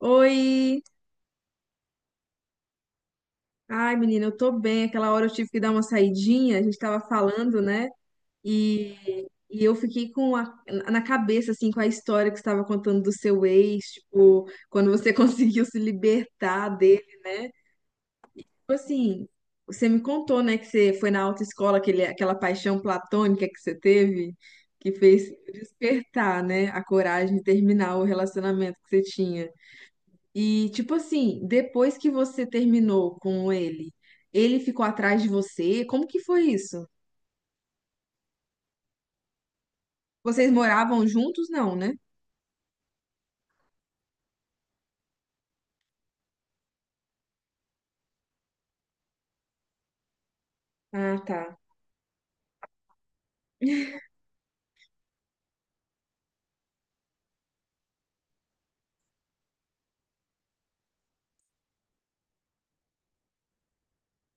Oi! Ai, menina, eu tô bem. Aquela hora eu tive que dar uma saidinha, a gente tava falando, né? E, e eu fiquei com a, na cabeça, assim, com a história que você estava contando do seu ex, tipo, quando você conseguiu se libertar dele, né? Tipo assim, você me contou, né, que você foi na autoescola, aquela paixão platônica que você teve, que fez despertar, né, a coragem de terminar o relacionamento que você tinha. E, tipo assim, depois que você terminou com ele, ele ficou atrás de você? Como que foi isso? Vocês moravam juntos? Não, né? Ah, tá.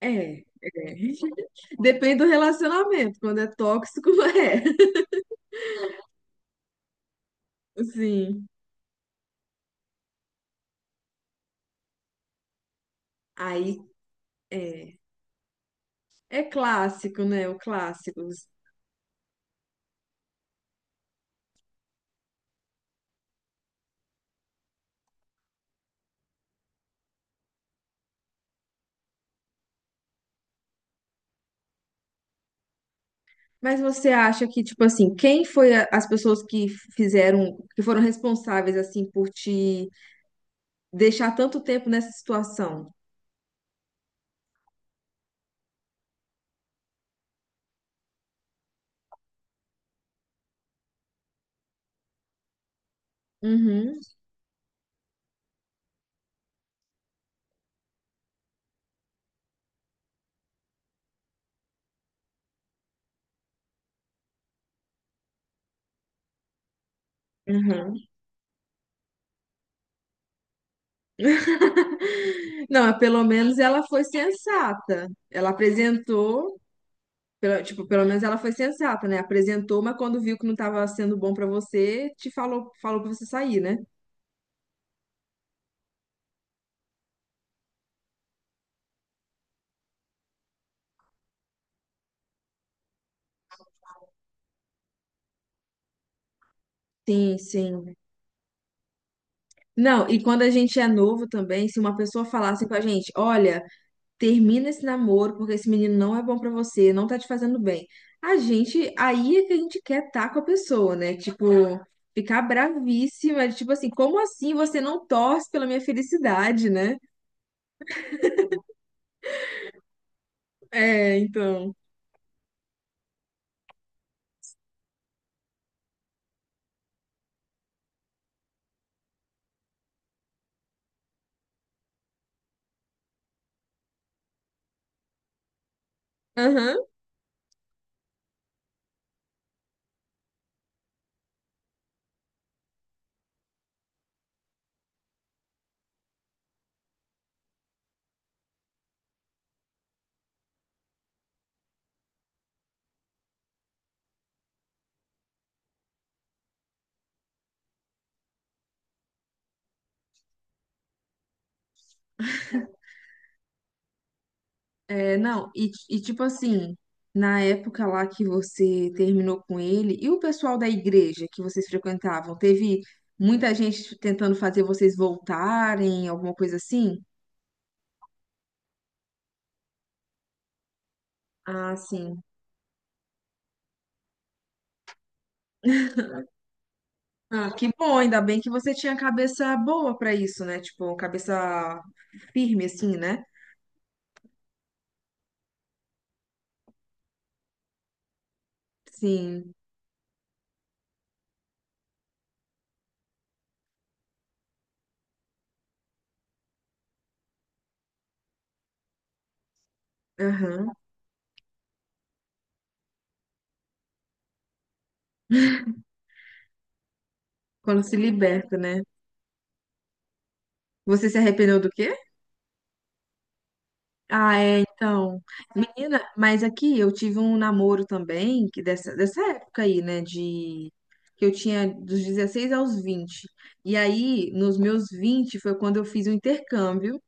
É, é. Depende do relacionamento. Quando é tóxico, é. Sim. Aí, é. É clássico, né? O clássico. Mas você acha que, tipo assim, quem foi as pessoas que fizeram, que foram responsáveis, assim, por te deixar tanto tempo nessa situação? Uhum, uhum. Não, pelo menos ela foi sensata. Ela apresentou, pelo- tipo, pelo menos ela foi sensata, né? Apresentou, mas quando viu que não estava sendo bom para você, te falou, falou para você sair, né? Sim, sim. Não, e quando a gente é novo também, se uma pessoa falasse com a gente, olha, termina esse namoro porque esse menino não é bom para você, não tá te fazendo bem. A gente, aí é que a gente quer estar com a pessoa, né? Tipo, ficar bravíssima, tipo assim, como assim você não torce pela minha felicidade, né? É, então. Aham. É, não, e tipo assim, na época lá que você terminou com ele, e o pessoal da igreja que vocês frequentavam, teve muita gente tentando fazer vocês voltarem, alguma coisa assim? Ah, sim. Ah, que bom, ainda bem que você tinha cabeça boa pra isso, né? Tipo, cabeça firme assim, né? Sim. Aham. Quando se liberta, né? Você se arrependeu do quê? Ah, é, então. Menina, mas aqui eu tive um namoro também, que dessa época aí, né, de... que eu tinha dos 16 aos 20. E aí, nos meus 20, foi quando eu fiz o intercâmbio.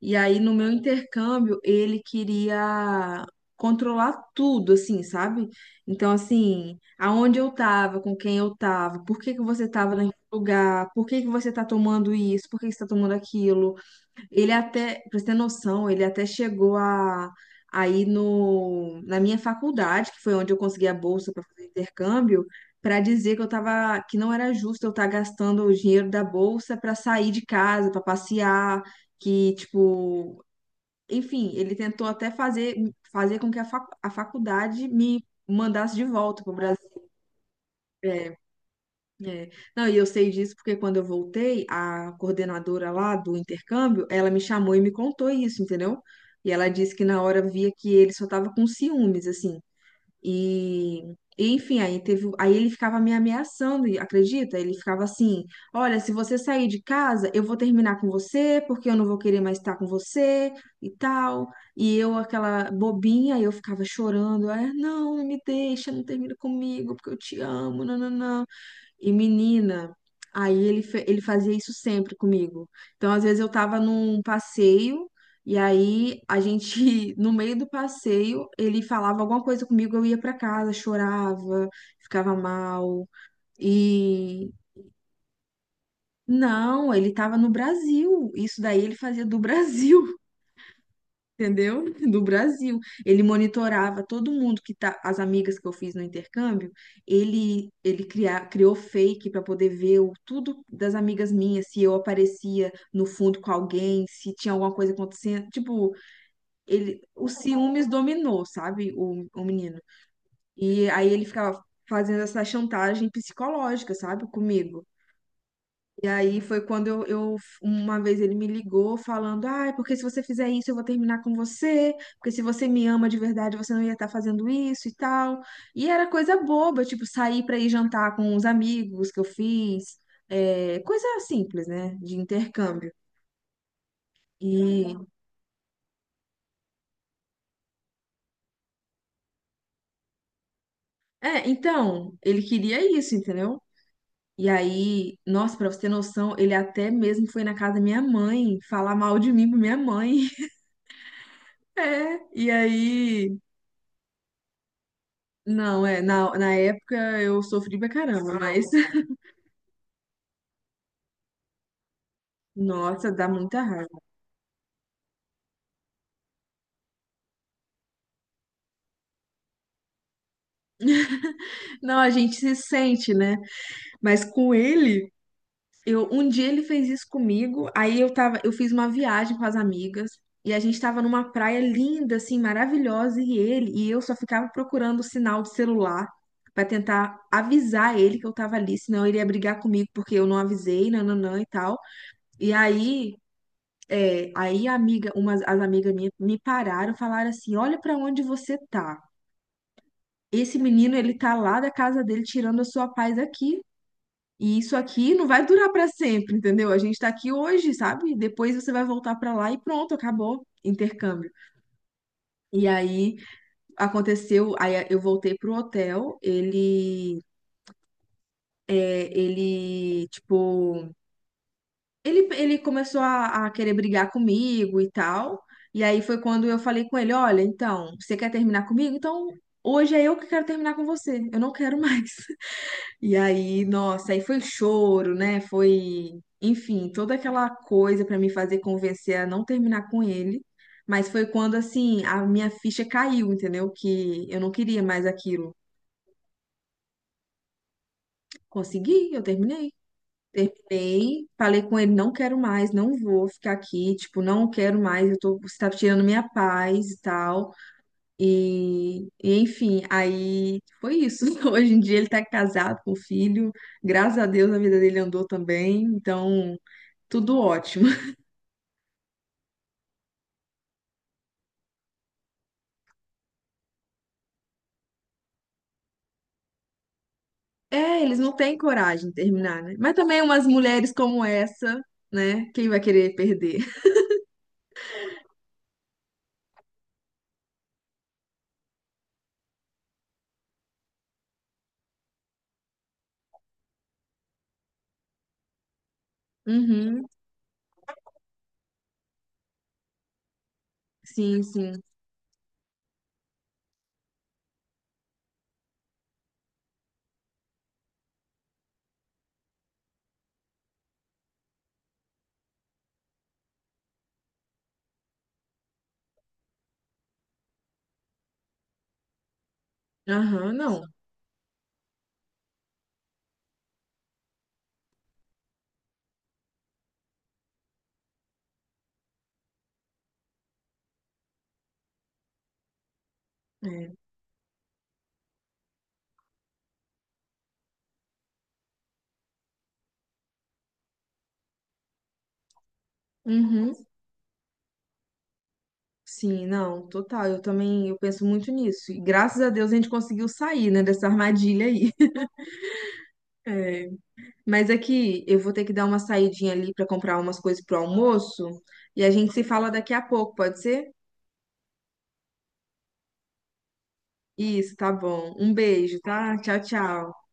E aí, no meu intercâmbio, ele queria controlar tudo, assim, sabe? Então, assim, aonde eu tava, com quem eu tava, por que que você tava naquele lugar, por que que você tá tomando isso, por que que você tá tomando aquilo. Ele até, pra você ter noção, ele até chegou a ir no, na minha faculdade, que foi onde eu consegui a bolsa para fazer intercâmbio, para dizer que eu tava, que não era justo eu estar gastando o dinheiro da bolsa para sair de casa, para passear, que tipo, enfim, ele tentou até fazer com que a faculdade me mandasse de volta para o Brasil. É, é. Não, e eu sei disso porque quando eu voltei, a coordenadora lá do intercâmbio, ela me chamou e me contou isso, entendeu? E ela disse que na hora via que ele só tava com ciúmes, assim. E, Enfim, aí teve, aí ele ficava me ameaçando, e acredita? Ele ficava assim: "Olha, se você sair de casa, eu vou terminar com você, porque eu não vou querer mais estar com você" e tal. E eu aquela bobinha, eu ficava chorando, é, não, não me deixa, não termina comigo, porque eu te amo, não, não, não. E menina, aí ele, ele fazia isso sempre comigo. Então, às vezes eu tava num passeio e aí a gente, no meio do passeio, ele falava alguma coisa comigo, eu ia pra casa, chorava, ficava mal. E não, ele tava no Brasil. Isso daí ele fazia do Brasil. Entendeu? Do Brasil. Ele monitorava todo mundo que tá, as amigas que eu fiz no intercâmbio, ele criou fake para poder ver o, tudo das amigas minhas, se eu aparecia no fundo com alguém, se tinha alguma coisa acontecendo, tipo, ele os ciúmes dominou, sabe, o menino. E aí ele ficava fazendo essa chantagem psicológica, sabe, comigo. E aí foi quando uma vez ele me ligou falando, ai, porque se você fizer isso, eu vou terminar com você, porque se você me ama de verdade, você não ia estar fazendo isso e tal. E era coisa boba, tipo, sair pra ir jantar com os amigos que eu fiz, é, coisa simples, né, de intercâmbio. E, é, então, ele queria isso, entendeu? E aí, nossa, pra você ter noção, ele até mesmo foi na casa da minha mãe falar mal de mim pra minha mãe. É, e aí não, é, na época eu sofri pra caramba, mas nossa, dá muita raiva. Não, a gente se sente, né? Mas com ele, eu um dia ele fez isso comigo, aí eu tava, eu fiz uma viagem com as amigas e a gente tava numa praia linda assim, maravilhosa e ele e eu só ficava procurando o sinal de celular pra tentar avisar ele que eu tava ali, senão ele ia brigar comigo porque eu não avisei, nananã e tal. E aí é, aí a amiga, as amigas minhas me pararam, falaram assim: "Olha pra onde você tá. Esse menino, ele tá lá da casa dele tirando a sua paz aqui. E isso aqui não vai durar pra sempre, entendeu? A gente tá aqui hoje, sabe? Depois você vai voltar pra lá e pronto, acabou. Intercâmbio." E aí aconteceu, aí eu voltei pro hotel, ele é, ele tipo ele começou a querer brigar comigo e tal. E aí foi quando eu falei com ele: "Olha, então, você quer terminar comigo? Então, hoje é eu que quero terminar com você. Eu não quero mais." E aí, nossa, aí foi choro, né? Foi, enfim, toda aquela coisa pra me fazer convencer a não terminar com ele. Mas foi quando, assim, a minha ficha caiu, entendeu? Que eu não queria mais aquilo. Consegui, eu terminei. Terminei, falei com ele, não quero mais, não vou ficar aqui, tipo, não quero mais, eu tô, você tá tirando minha paz e tal. Enfim, aí foi isso. Hoje em dia ele tá casado com filho, graças a Deus a vida dele andou também, então tudo ótimo. É, eles não têm coragem de terminar, né? Mas também umas mulheres como essa, né? Quem vai querer perder? Uhum, sim, sim. Aham, não. É. Uhum. Sim, não, total. Eu também, eu penso muito nisso. E graças a Deus a gente conseguiu sair, né, dessa armadilha aí. É. Mas aqui eu vou ter que dar uma saidinha ali para comprar umas coisas pro almoço e a gente se fala daqui a pouco, pode ser? Isso, tá bom. Um beijo, tá? Tchau, tchau.